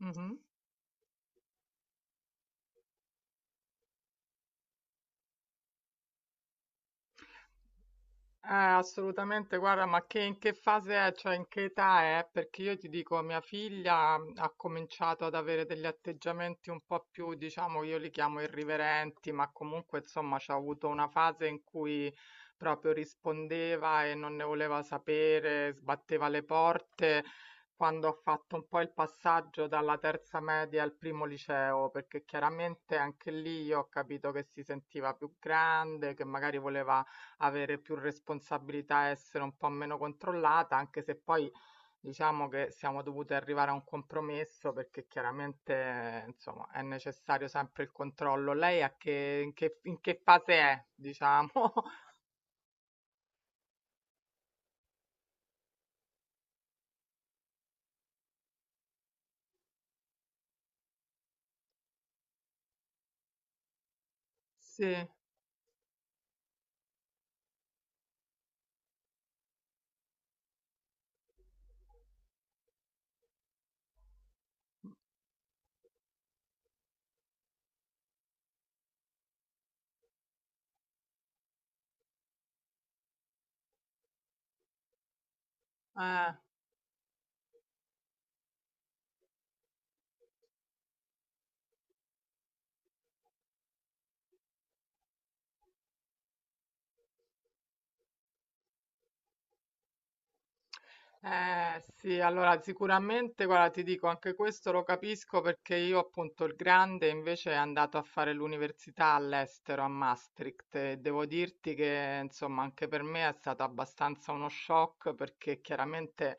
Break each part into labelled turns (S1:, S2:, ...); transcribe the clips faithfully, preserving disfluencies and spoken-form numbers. S1: Mhm. Eh, assolutamente, guarda, ma che, in che fase è, cioè in che età è? Perché io ti dico, mia figlia mm, ha cominciato ad avere degli atteggiamenti un po' più, diciamo, io li chiamo irriverenti, ma comunque, insomma, c'ha avuto una fase in cui proprio rispondeva e non ne voleva sapere, sbatteva le porte. Quando ho fatto un po' il passaggio dalla terza media al primo liceo, perché chiaramente anche lì io ho capito che si sentiva più grande, che magari voleva avere più responsabilità e essere un po' meno controllata, anche se poi diciamo che siamo dovuti arrivare a un compromesso perché chiaramente, insomma, è necessario sempre il controllo. Lei a che, in che, in che fase è, diciamo? Sì, eh. Eh sì, allora sicuramente, guarda, ti dico, anche questo lo capisco perché io appunto il grande invece è andato a fare l'università all'estero, a Maastricht, e devo dirti che insomma anche per me è stato abbastanza uno shock perché chiaramente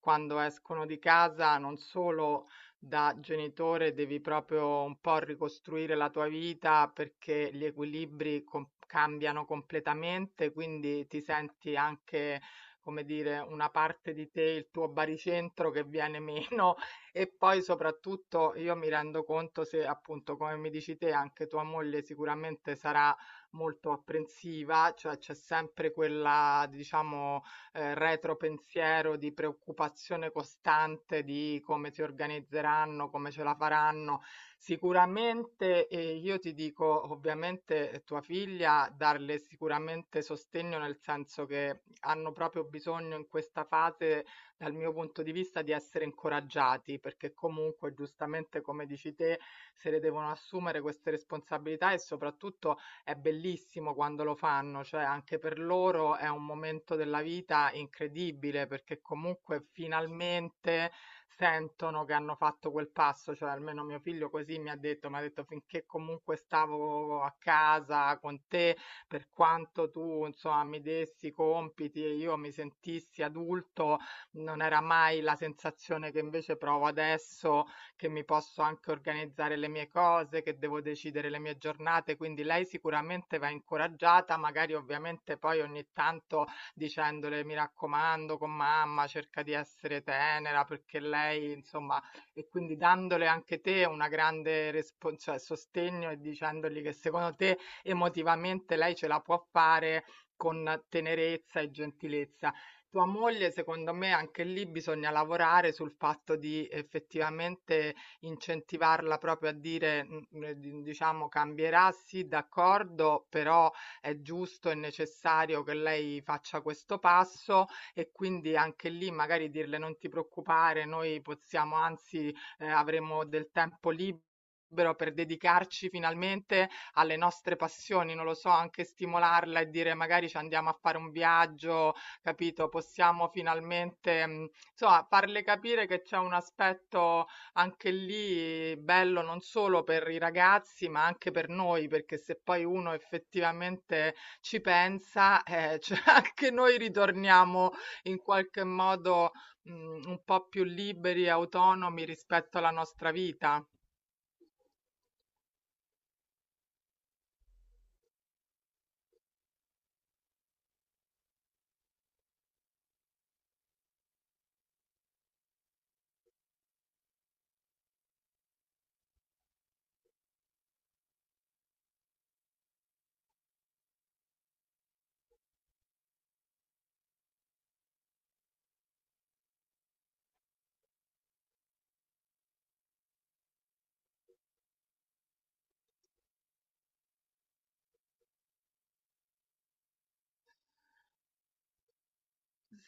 S1: quando escono di casa non solo da genitore devi proprio un po' ricostruire la tua vita perché gli equilibri com- cambiano completamente, quindi ti senti anche come dire, una parte di te, il tuo baricentro che viene meno. E poi soprattutto io mi rendo conto se appunto, come mi dici te, anche tua moglie sicuramente sarà molto apprensiva, cioè c'è sempre quella, diciamo, eh, retropensiero di preoccupazione costante di come si organizzeranno, come ce la faranno. Sicuramente, eh, io ti dico, ovviamente, eh, tua figlia, darle sicuramente sostegno nel senso che hanno proprio bisogno in questa fase, dal mio punto di vista, di essere incoraggiati, perché comunque, giustamente, come dici te, se le devono assumere queste responsabilità e soprattutto è bellissimo quando lo fanno, cioè anche per loro è un momento della vita incredibile perché comunque finalmente sentono che hanno fatto quel passo, cioè almeno mio figlio così mi ha detto, mi ha detto finché comunque stavo a casa con te, per quanto tu insomma mi dessi i compiti e io mi sentissi adulto, non era mai la sensazione che invece provo adesso che mi posso anche organizzare le mie cose, che devo decidere le mie giornate, quindi lei sicuramente va incoraggiata, magari ovviamente poi ogni tanto dicendole mi raccomando con mamma, cerca di essere tenera perché lei insomma. E quindi dandole anche te una grande respon- cioè, sostegno e dicendogli che secondo te emotivamente lei ce la può fare con tenerezza e gentilezza. Tua moglie, secondo me anche lì bisogna lavorare sul fatto di effettivamente incentivarla proprio a dire, mhmm, ehm, di diciamo: "Cambierà, sì, d'accordo, però è giusto e necessario che lei faccia questo passo", e quindi anche lì magari dirle: "Non ti preoccupare, noi possiamo anzi, ehm, avremo del tempo libero per dedicarci finalmente alle nostre passioni", non lo so, anche stimolarla e dire magari: "Ci andiamo a fare un viaggio, capito, possiamo finalmente, mhmm, insomma, farle capire che c'è un aspetto anche lì bello non solo per i ragazzi, ma anche per noi, perché se poi uno effettivamente ci pensa, eh, cioè anche noi ritorniamo in qualche modo, mhmm, un po' più liberi e autonomi rispetto alla nostra vita.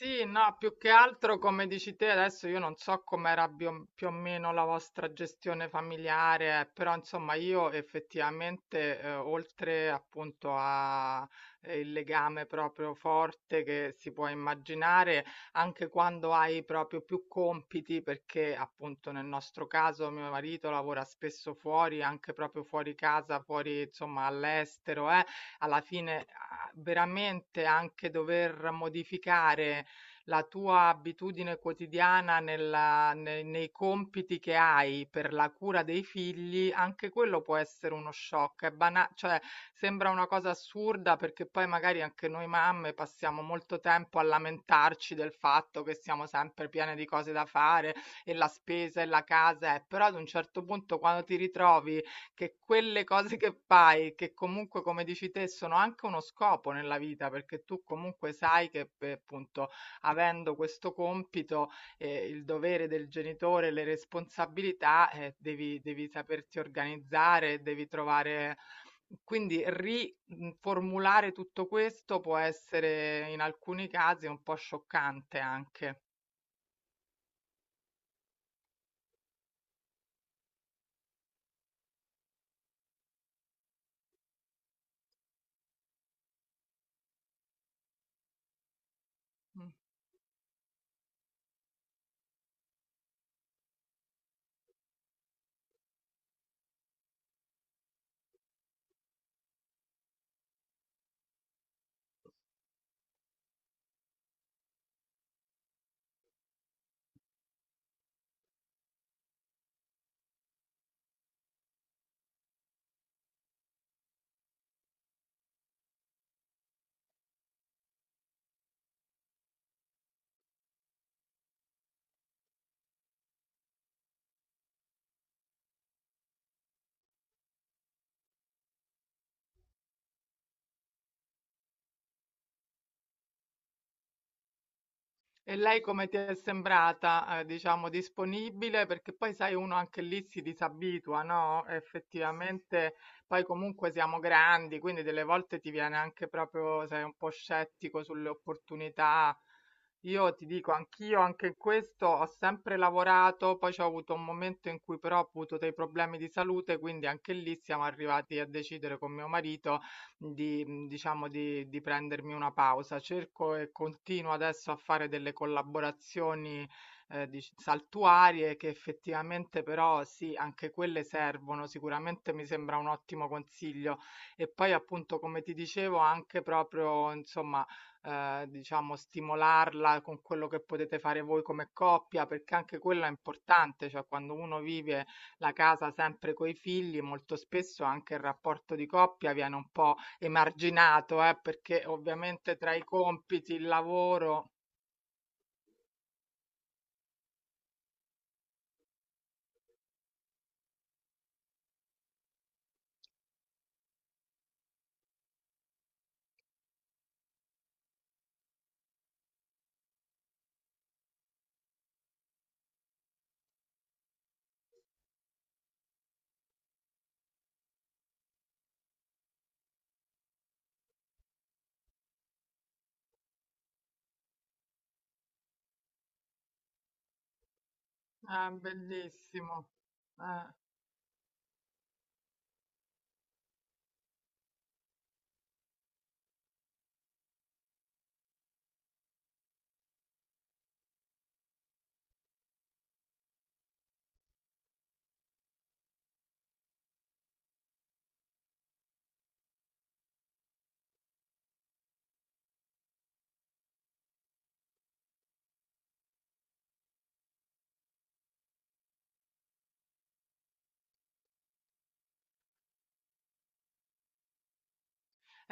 S1: Sì, no, più che altro come dici te adesso io non so com'era bio- più o meno la vostra gestione familiare, eh, però insomma io effettivamente eh, oltre appunto a eh, il legame proprio forte che si può immaginare, anche quando hai proprio più compiti, perché appunto nel nostro caso mio marito lavora spesso fuori, anche proprio fuori casa, fuori insomma all'estero, eh alla fine a- veramente anche dover modificare la tua abitudine quotidiana nella- ne- nei compiti che hai per la cura dei figli, anche quello può essere uno shock. È bana- cioè, sembra una cosa assurda perché poi magari anche noi mamme passiamo molto tempo a lamentarci del fatto che siamo sempre piene di cose da fare e la spesa e la casa, eh, però ad un certo punto quando ti ritrovi che quelle cose che fai, che comunque come dici te sono anche uno scopo nella vita, perché tu comunque sai che eh, appunto avendo questo compito, eh, il dovere del genitore, le responsabilità, eh, devi, devi saperti organizzare, devi trovare... Quindi riformulare tutto questo può essere in alcuni casi un po' scioccante anche. Mm. E lei come ti è sembrata, eh, diciamo, disponibile? Perché poi sai, uno anche lì si disabitua, no? Effettivamente, poi comunque siamo grandi, quindi delle volte ti viene anche proprio, sei un po' scettico sulle opportunità. Io ti dico, anch'io anche in questo ho sempre lavorato, poi c'ho avuto un momento in cui però ho avuto dei problemi di salute, quindi anche lì siamo arrivati a decidere con mio marito di mhmm, diciamo di di prendermi una pausa. Cerco e continuo adesso a fare delle collaborazioni, ehm, dic saltuarie che effettivamente però sì, anche quelle servono. Sicuramente mi sembra un ottimo consiglio. E poi appunto, come ti dicevo, anche proprio insomma, ehm, diciamo stimolarla con quello che potete fare voi come coppia, perché anche quello è importante, cioè quando uno vive la casa sempre coi figli, molto spesso anche il rapporto di coppia viene un po' emarginato, eh, perché ovviamente tra i compiti, il lavoro. Ah, bellissimo. Eh.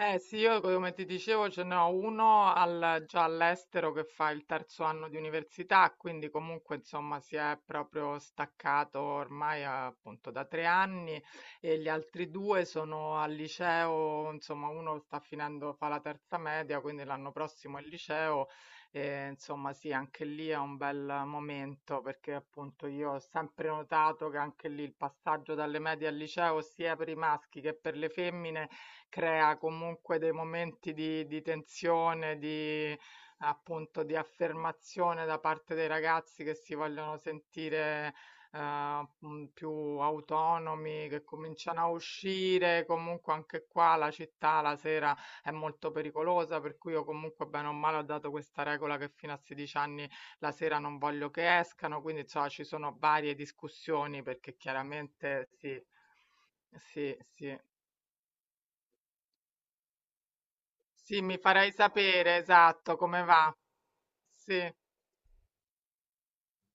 S1: Eh sì, io come ti dicevo ce n'ho uno al- già all'estero che fa il terzo anno di università, quindi comunque insomma si è proprio staccato ormai appunto da tre anni e gli altri due sono al liceo, insomma uno sta finendo, fa la terza media, quindi l'anno prossimo è il liceo e insomma sì, anche lì è un bel momento perché appunto io ho sempre notato che anche lì il passaggio dalle medie al liceo sia per i maschi che per le femmine crea comunque dei momenti di di tensione, di appunto di affermazione da parte dei ragazzi che si vogliono sentire, ehm, mhmm, più autonomi, che cominciano a uscire. Comunque anche qua la città la sera è molto pericolosa, per cui io comunque bene o male ho dato questa regola che fino a sedici anni la sera non voglio che escano, quindi insomma ci sono varie discussioni perché chiaramente sì, sì, sì. Sì, mi farai sapere, esatto, come va. Sì.